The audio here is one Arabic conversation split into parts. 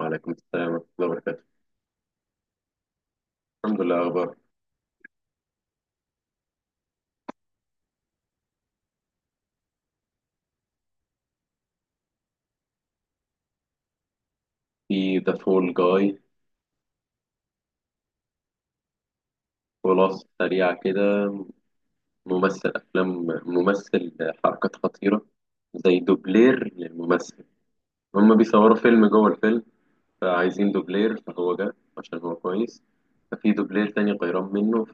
وعليكم السلام ورحمة الله وبركاته. الحمد لله. أخبار؟ في ذا فول جاي. خلاصة سريعة كده. ممثل أفلام، ممثل حركات خطيرة، زي دوبلير للممثل. هما بيصوروا فيلم جوه الفيلم، فعايزين دوبلير، فهو جه عشان هو كويس. ففي دوبلير تاني غيران منه،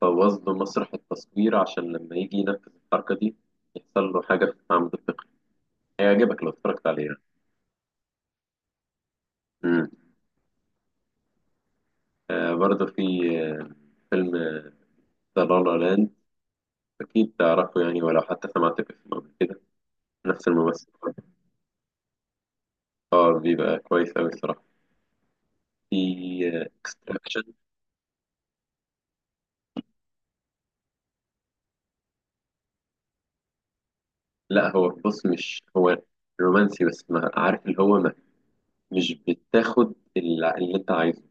فبوظ له مسرح التصوير عشان لما يجي ينفذ الحركة دي يحصل له حاجة في عمود الفقري. هيعجبك لو اتفرجت عليه يعني. مم. برضه في آه، فيلم ذا لا لا لاند. أكيد تعرفه يعني، ولو حتى سمعت باسمه قبل كده. نفس الممثل. اه، بيبقى كويس أوي الصراحة. في اكستراكشن. لا هو بص، مش هو رومانسي، بس ما عارف اللي هو ما مش بتاخد اللي أنت عايزه.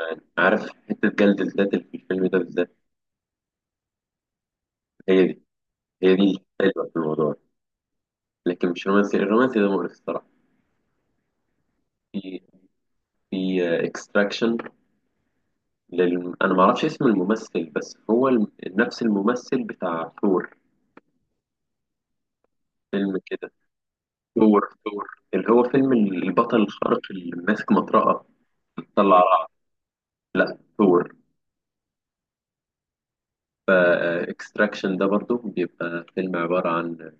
يعني عارف، حتة جلد الذات اللي في الفيلم ده بالذات، هي دي هي دي الحلوة في الموضوع. لكن مش رومانسي، الرومانسي ده مقرف الصراحة. في في اكستراكشن. أنا ما أعرفش اسم الممثل، بس هو نفس الممثل بتاع ثور. فيلم كده، دور دور اللي هو فيلم البطل الخارق اللي ماسك مطرقة بتطلع رعد. لا، ثور. فاكستراكشن ده برضو بيبقى فيلم عبارة عن،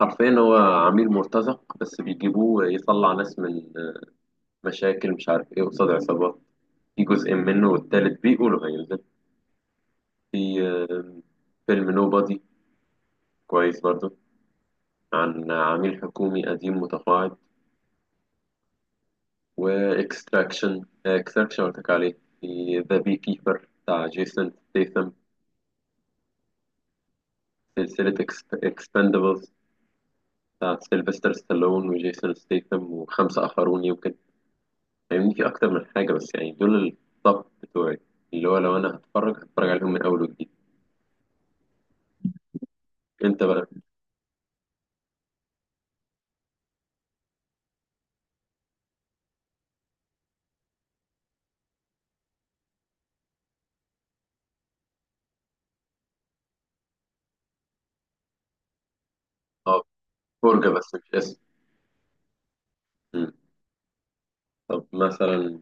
حرفيا هو عميل مرتزق بس بيجيبوه يطلع ناس من مشاكل مش عارف ايه قصاد عصابات. في جزء منه، والتالت بيقولوا هينزل. في آه، فيلم نوبادي، كويس برضو، عن عميل حكومي قديم متقاعد. واكستراكشن اكستراكشن قلت لك عليه. في ذا بي كيبر بتاع جيسون ستيثم. سلسلة اكسبندبلز بتاع سيلفستر ستالون وجيسون ستيثم وخمسة آخرون يمكن. فاهمني، في أكتر من حاجة بس، يعني دول الطب بتوعي، اللي هو لو أنا هتفرج هتفرج عليهم من أول وجديد. أنت بقى؟ أه، فرجة بس مش اسم. مم. طب مثلا،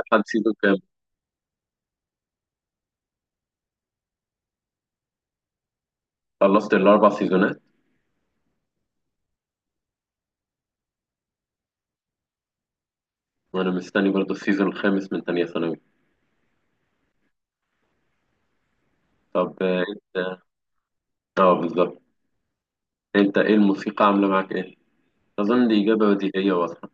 امتحان سيزون كام؟ خلصت الأربع سيزونات. وأنا مستني برضه السيزون الخامس من تانية ثانوي. طب أنت. أه، بالظبط. انت ايه الموسيقى عامله معاك ايه؟ اظن دي اجابه بديهيه واضحه.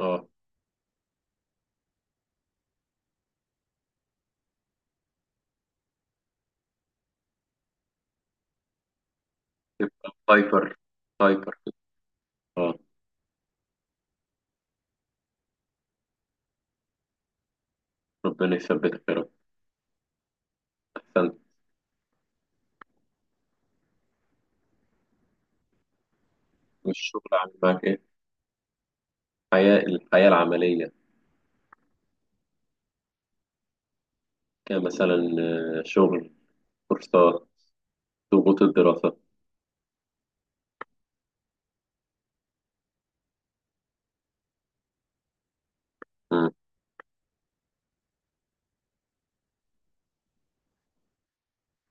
اه، تبقى هايبر، هايبر كده. اه. ربنا يثبتك يا رب. احسنت. والشغل عامل معاك ايه؟ الحياه العمليه، كمثلا شغل، كورسات، ضغوط الدراسه. مم.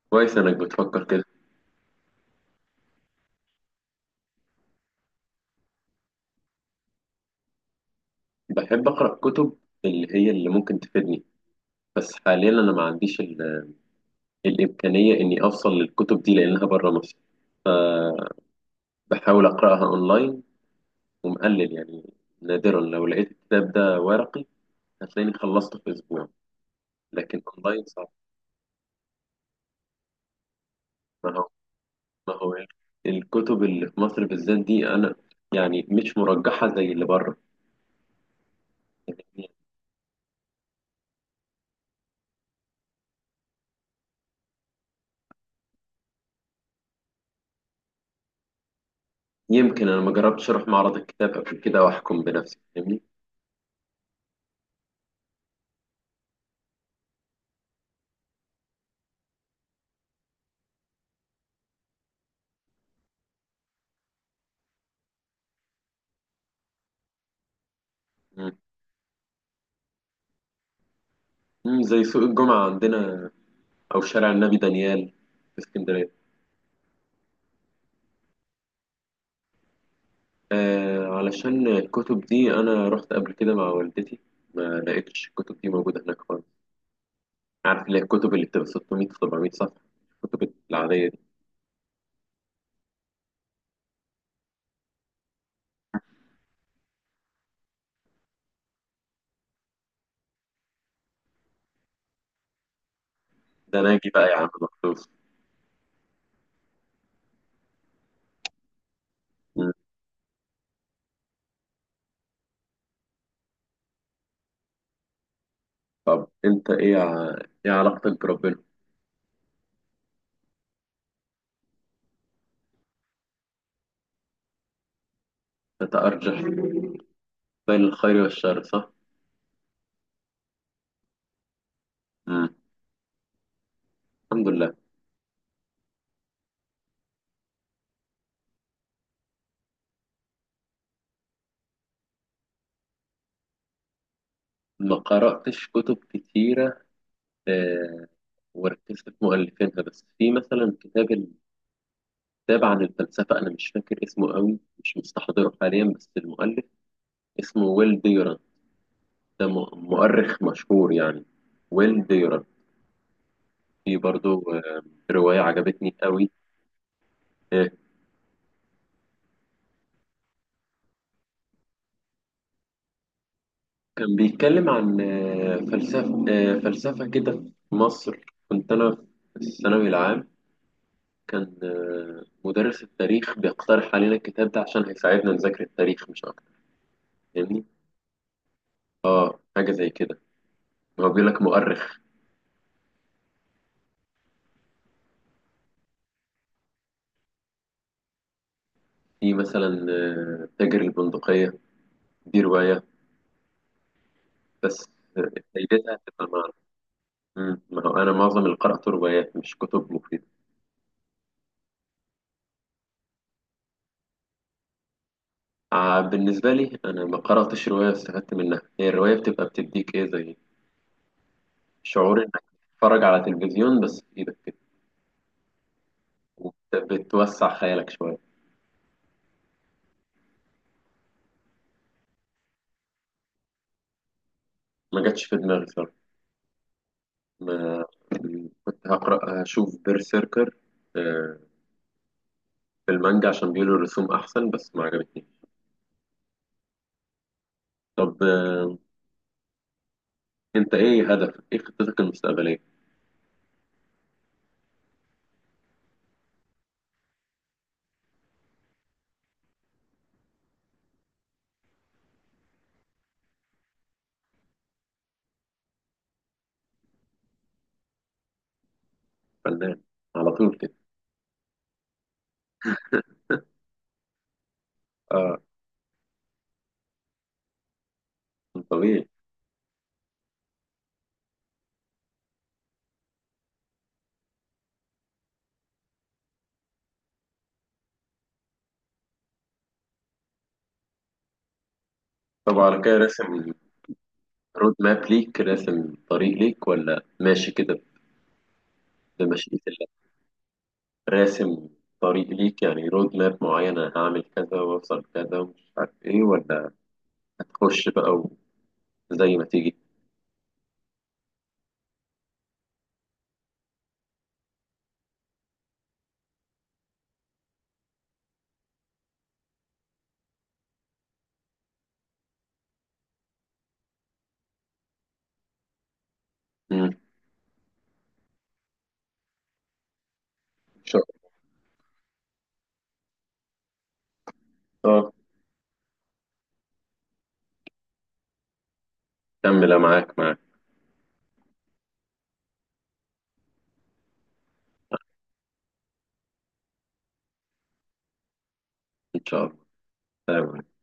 كويس انك بتفكر كده. بحب اقرا كتب اللي هي اللي ممكن تفيدني، بس حاليا انا ما عنديش الامكانيه اني اوصل للكتب دي لانها بره مصر. بحاول اقراها اونلاين، ومقلل يعني. نادرا لو لقيت الكتاب ده ورقي، هتلاقيني خلصته في أسبوع. لكن أونلاين صعب. ما هو ما هو الكتب اللي في مصر بالذات دي أنا يعني مش مرجحة زي اللي بره. يعني يمكن أنا ما جربتش أروح معرض الكتاب قبل كده وأحكم بنفسي، فاهمني. مم. زي سوق الجمعة عندنا، أو شارع النبي دانيال في اسكندرية. علشان الكتب دي أنا رحت قبل كده مع والدتي، ما لقيتش الكتب دي موجودة هناك خالص. عارف اللي هي الكتب اللي بتبقى 600 700 صفحة، الكتب العادية دي. ده أنا أجي بقى يا عم مخصوص. مم. طب أنت إيه إيه علاقتك بربنا؟ أنت أرجح بين الخير والشر، صح؟ مم. الحمد لله. ما قرأتش كتب كتيرة. آه وركزت في مؤلفينها بس. في مثلا كتاب، كتاب عن الفلسفة. أنا مش فاكر اسمه قوي، مش مستحضره حاليا، بس المؤلف اسمه ويل ديران. ده مؤرخ مشهور يعني، ويل ديران. في برضو رواية عجبتني قوي. آه، كان بيتكلم عن فلسفة كده، في مصر. كنت أنا في الثانوي العام، كان مدرس التاريخ بيقترح علينا الكتاب ده عشان هيساعدنا نذاكر التاريخ مش أكتر، فاهمني. حاجة زي كده، هو بيقول لك مؤرخ. في مثلا تاجر البندقية، دي رواية بس آه، فايدتها هتبقى معنا. ما هو أنا معظم اللي قرأته روايات مش كتب مفيدة. بالنسبة لي أنا ما قرأتش رواية واستفدت منها. هي الرواية بتبقى بتديك إيه زي شعور إنك تتفرج على تلفزيون بس في إيدك كده، وبتوسع خيالك شوية. ما جاتش في دماغي صراحة. ما كنت هقرأ هشوف بيرسيركر آه، في المانجا عشان بيقولوا الرسوم أحسن، بس ما عجبتنيش. طب أنت إيه هدفك؟ إيه خطتك المستقبلية؟ فنان، على طول كده؟ آه. طبيعي. طب على كده، راسم رود ماب ليك، راسم طريق ليك، ولا ماشي كده؟ بمشيئة. راسم طريق ليك يعني رود ماب معين، انا هعمل كذا واوصل كذا ومش عارف ايه، ولا هتخش بقى وزي ما تيجي؟ مم. ان شاء الله. اه، كمل، أنا معاك ان شاء الله. تمام.